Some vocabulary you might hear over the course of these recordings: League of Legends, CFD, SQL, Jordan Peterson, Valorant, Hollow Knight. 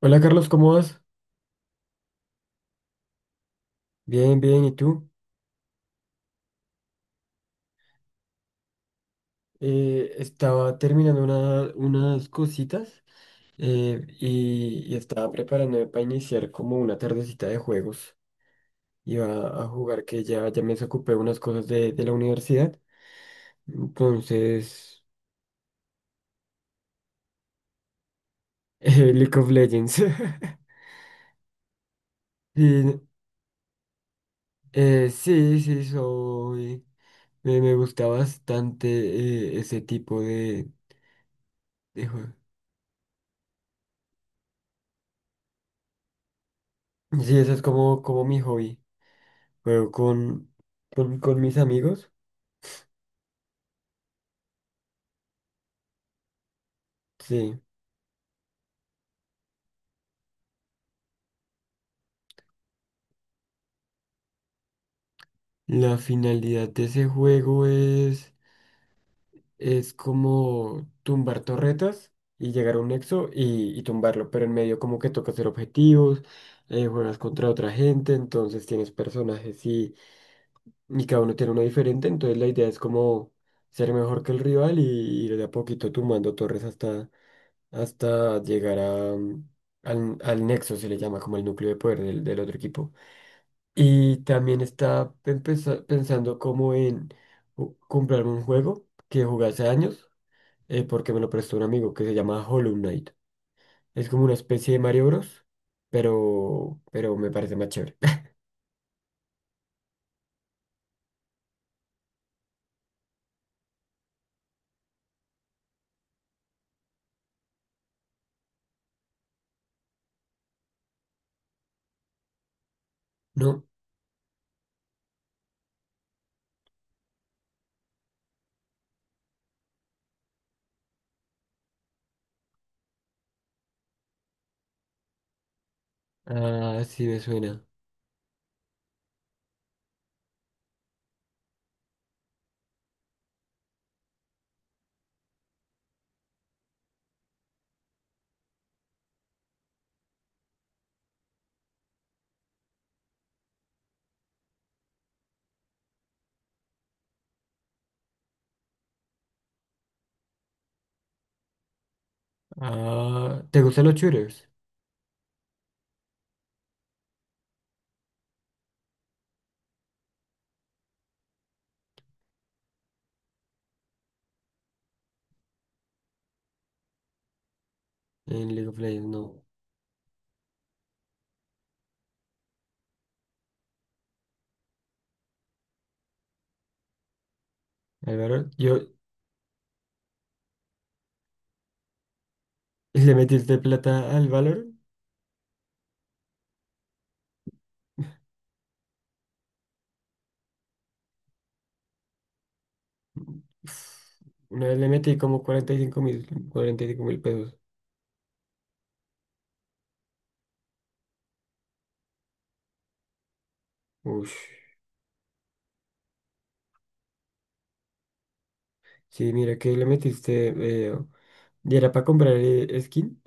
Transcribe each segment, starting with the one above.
Hola Carlos, ¿cómo vas? Bien, bien, ¿y tú? Estaba terminando unas cositas y estaba preparándome para iniciar como una tardecita de juegos. Iba a jugar que ya me desocupé unas cosas de la universidad. Entonces, League of Legends. Sí, sí, soy. Me gusta bastante ese tipo de juego. Sí, ese es como, como mi hobby. Juego con, con mis amigos. Sí. La finalidad de ese juego es como tumbar torretas y llegar a un nexo y tumbarlo, pero en medio como que toca hacer objetivos, juegas contra otra gente, entonces tienes personajes y cada uno tiene uno diferente. Entonces la idea es como ser mejor que el rival y ir de a poquito tumbando torres hasta llegar a, al nexo. Se le llama como el núcleo de poder del otro equipo. Y también está pensando como en comprarme un juego que jugué hace años, porque me lo prestó un amigo. Que se llama Hollow Knight. Es como una especie de Mario Bros, pero me parece más chévere. ¿No? Ah, sí me suena. Ah, ¿te gustan los shooters? En League of Legends, no. ¿Al Valorant? Yo le metiste plata al Valorant. Uf, una vez le metí como 45.000, 45.000 pesos. Ush. Sí, mira que le metiste. Y era para comprar skin,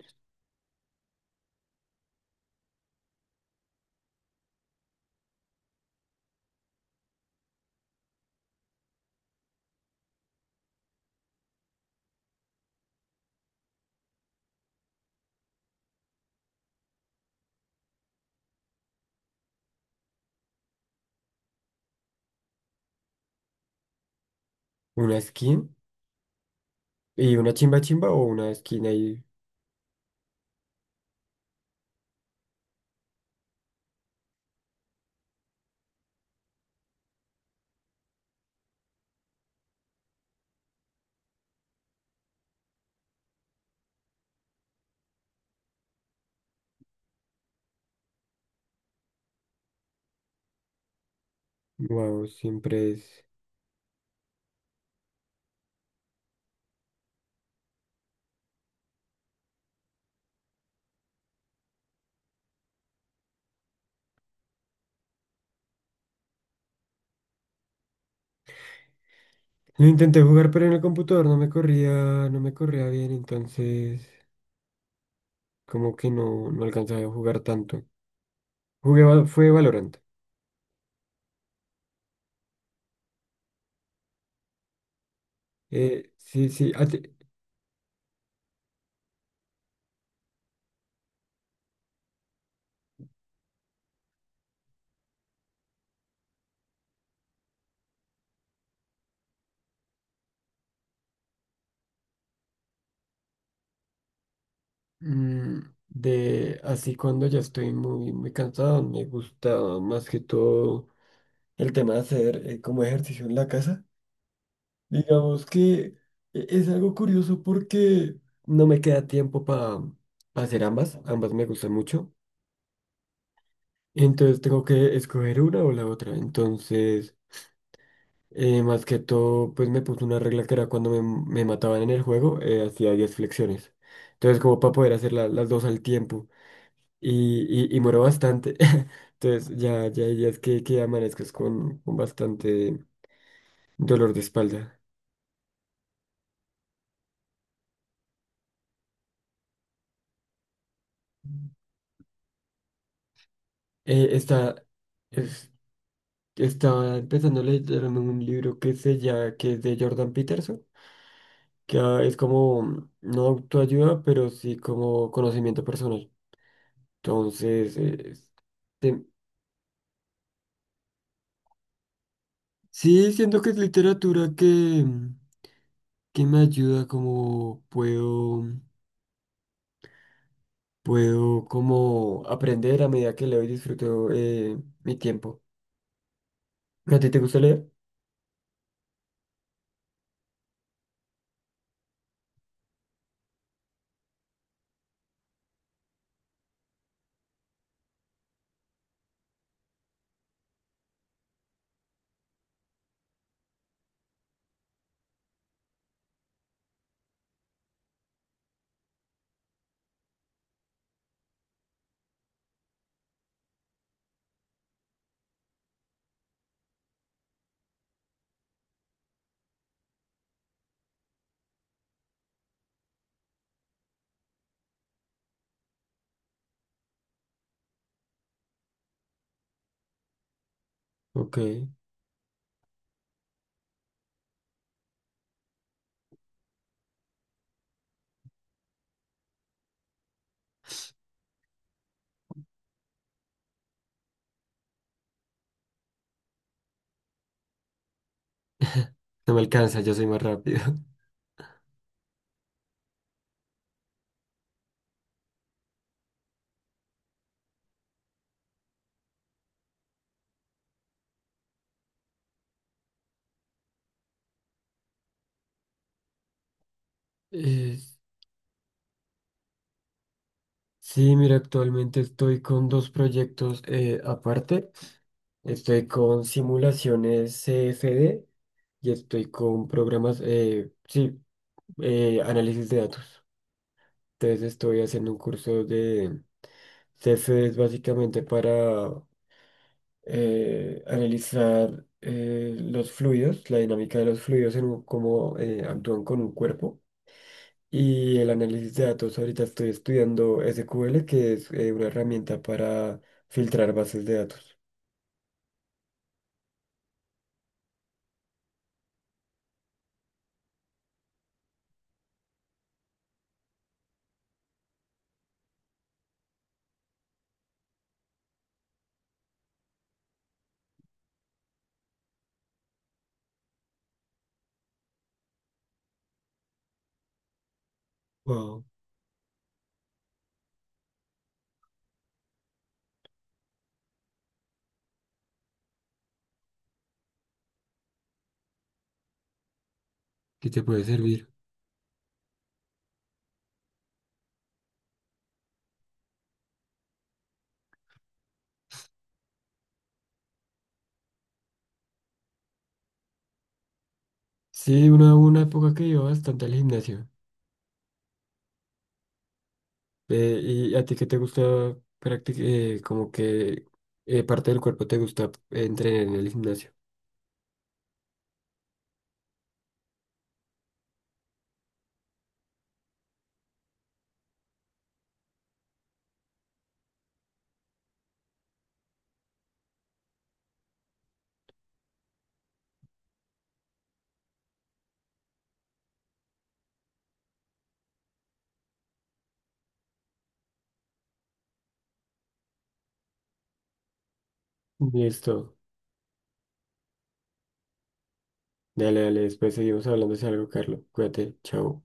una skin y una chimba chimba o una skin ahí. Wow, siempre es. Lo intenté jugar, pero en el computador no me corría, no me corría bien, entonces como que no, no alcanzaba a jugar tanto. Jugué, fue Valorant. Eh, sí, sí, a ti- mm, de así cuando ya estoy muy cansado, me gusta más que todo el tema de hacer como ejercicio en la casa. Digamos que es algo curioso porque no me queda tiempo para hacer ambas. Ambas me gustan mucho. Entonces tengo que escoger una o la otra. Entonces, más que todo, pues me puse una regla que era cuando me mataban en el juego, hacía 10 flexiones. Entonces, como para poder hacer las dos al tiempo. Y muero bastante. Entonces, ya hay días que amanezcas con bastante dolor de espalda. Eh, esta, Estaba empezando a leerme un libro que se llama, que es de Jordan Peterson, que ah, es como no autoayuda, pero sí como conocimiento personal. Entonces, te- sí, siento que es literatura que me ayuda como puedo como aprender a medida que leo y disfruto mi tiempo. ¿A ti te gusta leer? Ok, no me alcanza, yo soy más rápido. Eh, Sí, mira, actualmente estoy con dos proyectos aparte. Estoy con simulaciones CFD y estoy con programas, análisis de datos. Entonces estoy haciendo un curso de CFD. Es básicamente para analizar los fluidos, la dinámica de los fluidos, cómo actúan con un cuerpo. Y el análisis de datos, ahorita estoy estudiando SQL, que es una herramienta para filtrar bases de datos. Wow, ¿qué te puede servir? Sí, una época que iba bastante al gimnasio. ¿Y a ti qué te gusta practicar? Como que parte del cuerpo te gusta entrenar en el gimnasio. Listo. Dale, dale, después seguimos hablando de algo, Carlos. Cuídate, chao.